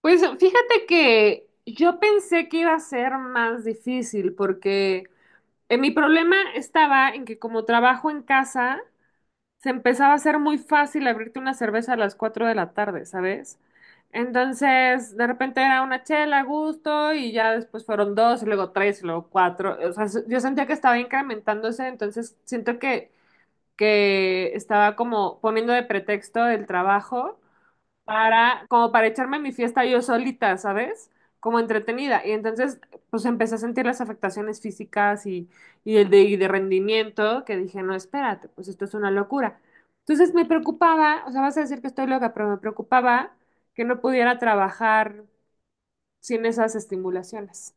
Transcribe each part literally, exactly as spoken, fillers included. Pues fíjate que yo pensé que iba a ser más difícil porque eh, mi problema estaba en que como trabajo en casa, se empezaba a hacer muy fácil abrirte una cerveza a las cuatro de la tarde, ¿sabes? Entonces, de repente era una chela a gusto y ya después fueron dos y luego tres y luego cuatro. O sea, yo sentía que estaba incrementándose, entonces siento que, que estaba como poniendo de pretexto el trabajo para, como para echarme mi fiesta yo solita, ¿sabes? Como entretenida. Y entonces, pues empecé a sentir las afectaciones físicas y, y el de, y de rendimiento, que dije, no, espérate, pues esto es una locura. Entonces me preocupaba, o sea, vas a decir que estoy loca, pero me preocupaba que no pudiera trabajar sin esas estimulaciones.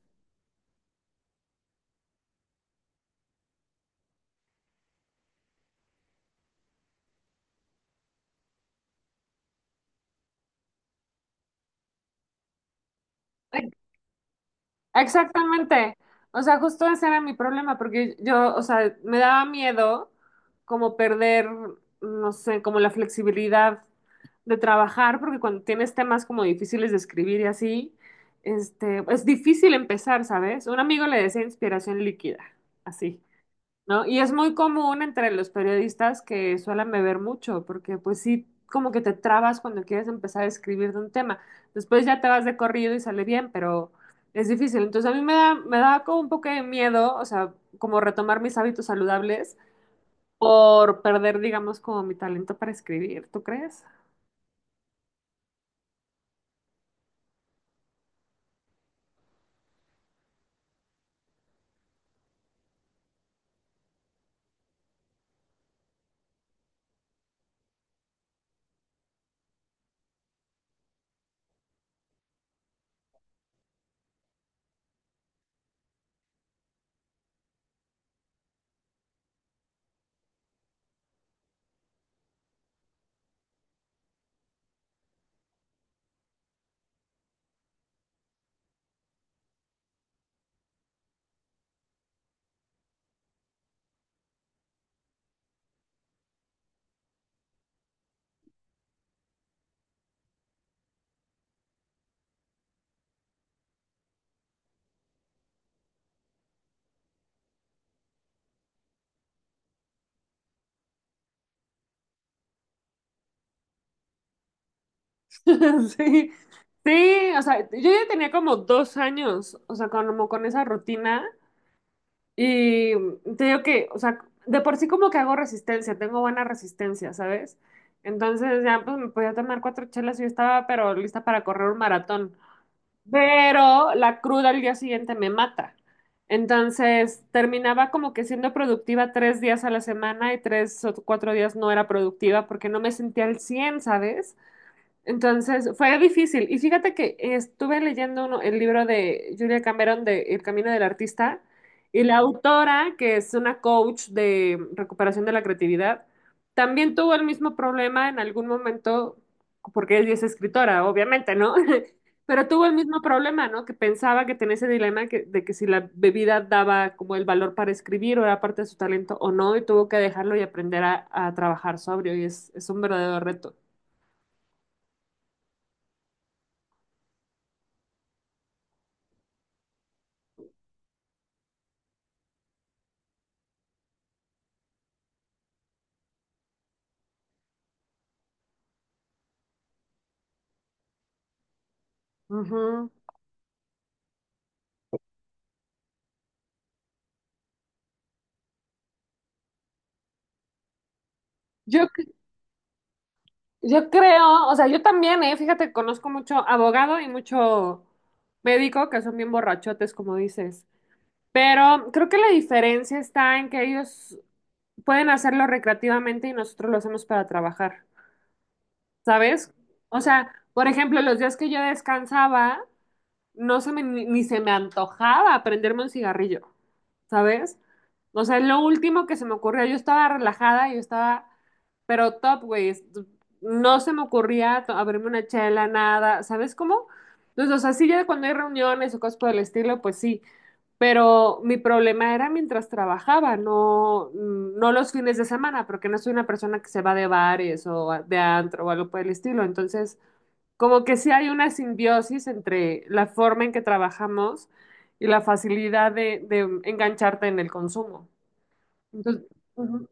Exactamente. O sea, justo ese era mi problema, porque yo, o sea, me daba miedo como perder, no sé, como la flexibilidad de trabajar, porque cuando tienes temas como difíciles de escribir y así, este, es difícil empezar, ¿sabes? Un amigo le decía inspiración líquida, así. ¿No? Y es muy común entre los periodistas que suelen beber mucho, porque pues sí, como que te trabas cuando quieres empezar a escribir de un tema. Después ya te vas de corrido y sale bien, pero es difícil. Entonces a mí me da, me da como un poco de miedo, o sea, como retomar mis hábitos saludables por perder, digamos, como mi talento para escribir, ¿tú crees? Sí. Sí, o sea, yo ya tenía como dos años, o sea, como con esa rutina. Y mm, te digo que, o sea, de por sí como que hago resistencia, tengo buena resistencia, ¿sabes? Entonces ya pues me podía tomar cuatro chelas y yo estaba pero lista para correr un maratón. Pero la cruda al día siguiente me mata. Entonces terminaba como que siendo productiva tres días a la semana y tres o cuatro días no era productiva porque no me sentía al cien, ¿sabes? Entonces fue difícil. Y fíjate que estuve leyendo uno- el libro de Julia Cameron de El Camino del Artista, y la autora, que es una coach de recuperación de la creatividad, también tuvo el mismo problema en algún momento, porque ella es escritora, obviamente, ¿no? Pero tuvo el mismo problema, ¿no? Que pensaba que tenía ese dilema que- de que si la bebida daba como el valor para escribir o era parte de su talento o no, y tuvo que dejarlo y aprender a, a trabajar sobrio, y es, es un verdadero reto. Ujú. Yo, c- yo creo, o sea, yo también, eh, fíjate, conozco mucho abogado y mucho médico que son bien borrachotes, como dices. Pero creo que la diferencia está en que ellos pueden hacerlo recreativamente y nosotros lo hacemos para trabajar, ¿sabes? O sea, por ejemplo, los días que yo descansaba, no se me, ni ni se me antojaba prenderme un cigarrillo, ¿sabes? O sea, es lo último que se me ocurrió. Yo estaba relajada, yo estaba, pero top, güey. es- No se me ocurría to- abrirme una chela, nada, ¿sabes cómo? Entonces, o sea, sí, ya cuando hay reuniones o cosas por el estilo, pues sí. Pero mi problema era mientras trabajaba, no, no los fines de semana, porque no soy una persona que se va de bares o a- de antro o algo por el estilo. Entonces, como que sí hay una simbiosis entre la forma en que trabajamos y la facilidad de, de engancharte en el consumo. Entonces, ujú.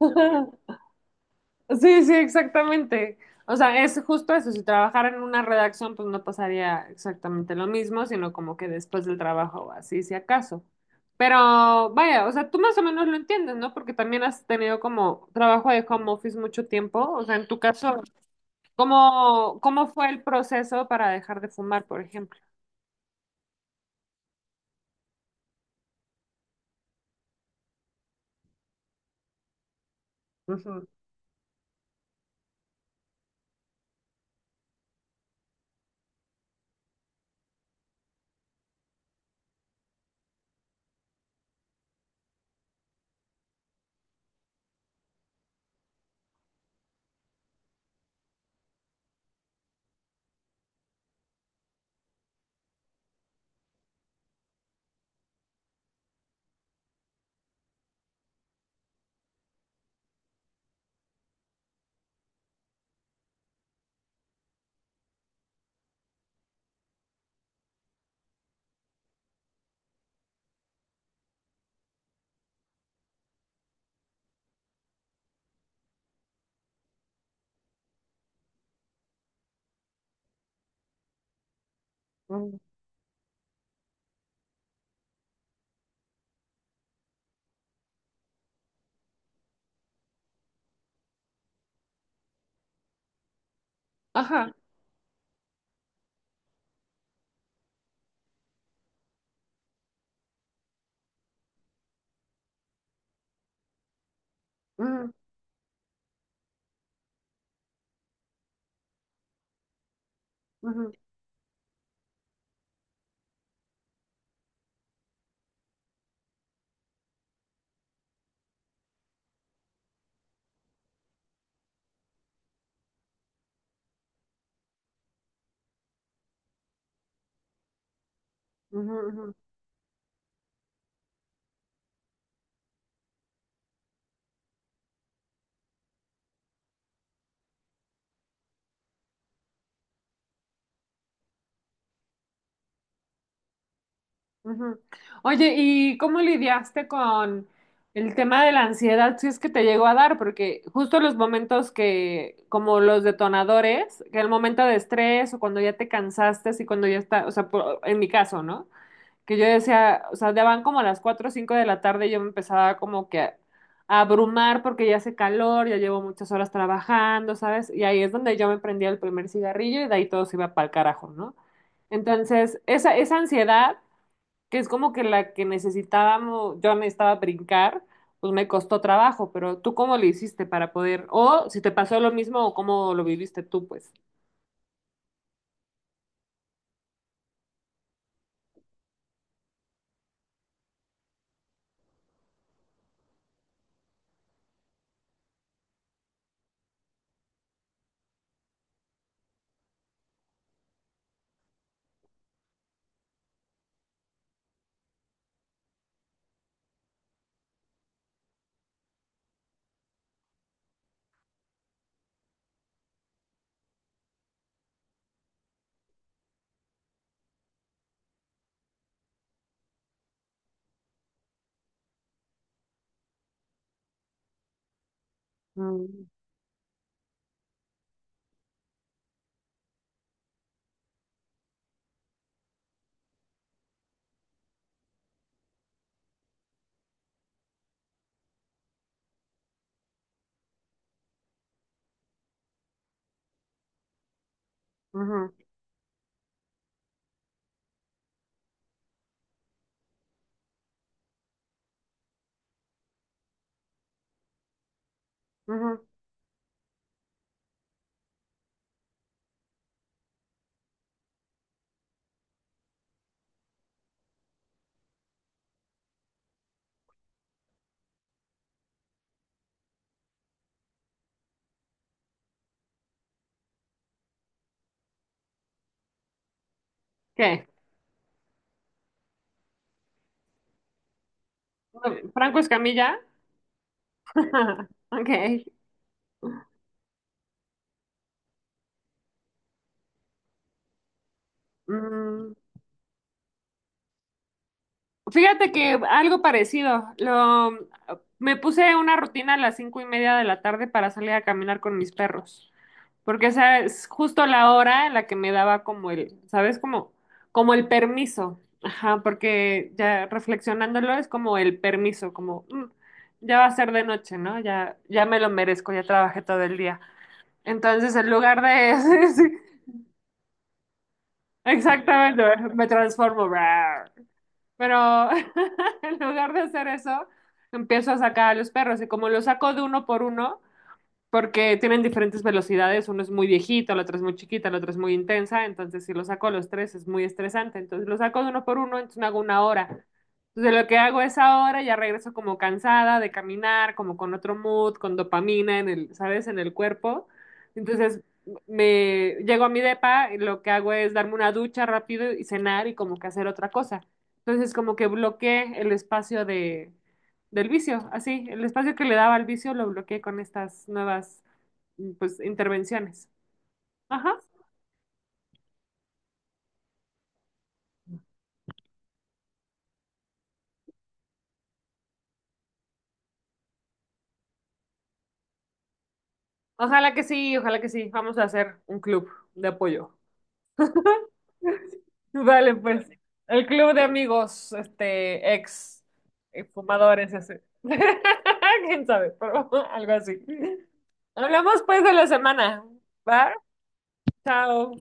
Sí, sí, exactamente. O sea, es justo eso. Si trabajara en una redacción, pues no pasaría exactamente lo mismo, sino como que después del trabajo, así si acaso. Pero vaya, o sea, tú más o menos lo entiendes, ¿no? Porque también has tenido como trabajo de home office mucho tiempo. O sea, en tu caso, ¿Cómo, cómo fue el proceso para dejar de fumar, por ejemplo? Ujú, ujú. Ajá. Ujú, ujú, ujú, ujú, ujú. Oye, ¿y cómo lidiaste con el tema de la ansiedad si es que te llegó a dar? Porque justo los momentos que, como los detonadores, que el momento de estrés o cuando ya te cansaste, y cuando ya está, o sea, por- en mi caso, ¿no? Que yo decía, o sea, daban como a las cuatro o cinco de la tarde y yo me empezaba como que a, a abrumar porque ya hace calor, ya llevo muchas horas trabajando, ¿sabes? Y ahí es donde yo me prendía el primer cigarrillo y de ahí todo se iba para el carajo, ¿no? Entonces, esa, esa ansiedad, que es como que la que necesitábamos, yo necesitaba brincar, pues me costó trabajo, pero ¿tú cómo le hiciste para poder, o si te pasó lo mismo o cómo lo viviste tú, pues? Mm, ujú, ujú. ¿Qué? ¿Franco Escamilla? Ok. Mm, Fíjate que algo parecido. Lo, me puse una rutina a las cinco y media de la tarde para salir a caminar con mis perros, porque esa es justo la hora en la que me daba como el, ¿sabes? Como, como el permiso. Ajá, porque ya reflexionándolo es como el permiso, como mm, ya va a ser de noche, ¿no? Ya, ya me lo merezco, ya trabajé todo el día. Entonces, en lugar de, sí, exactamente, me transformo. Pero en lugar de hacer eso, empiezo a sacar a los perros y como los saco de uno por uno, porque tienen diferentes velocidades, uno es muy viejito, la otra es muy chiquita, la otra es muy intensa, entonces si lo saco a los tres es muy estresante, entonces lo saco de uno por uno, entonces me hago una hora. Entonces lo que hago es ahora, ya regreso como cansada de caminar, como con otro mood, con dopamina en el, ¿sabes? En el cuerpo. Entonces me llego a mi depa y lo que hago es darme una ducha rápido y cenar y como que hacer otra cosa. Entonces como que bloqueé el espacio de, del vicio, así, el espacio que le daba al vicio lo bloqueé con estas nuevas, pues, intervenciones. Ajá. Ojalá que sí, ojalá que sí. Vamos a hacer un club de apoyo. Dale, pues. El club de amigos, este, ex eh, fumadores, ese. ¿Quién sabe? Pero algo así. Hablamos, pues, de la semana. ¿Va? Chao.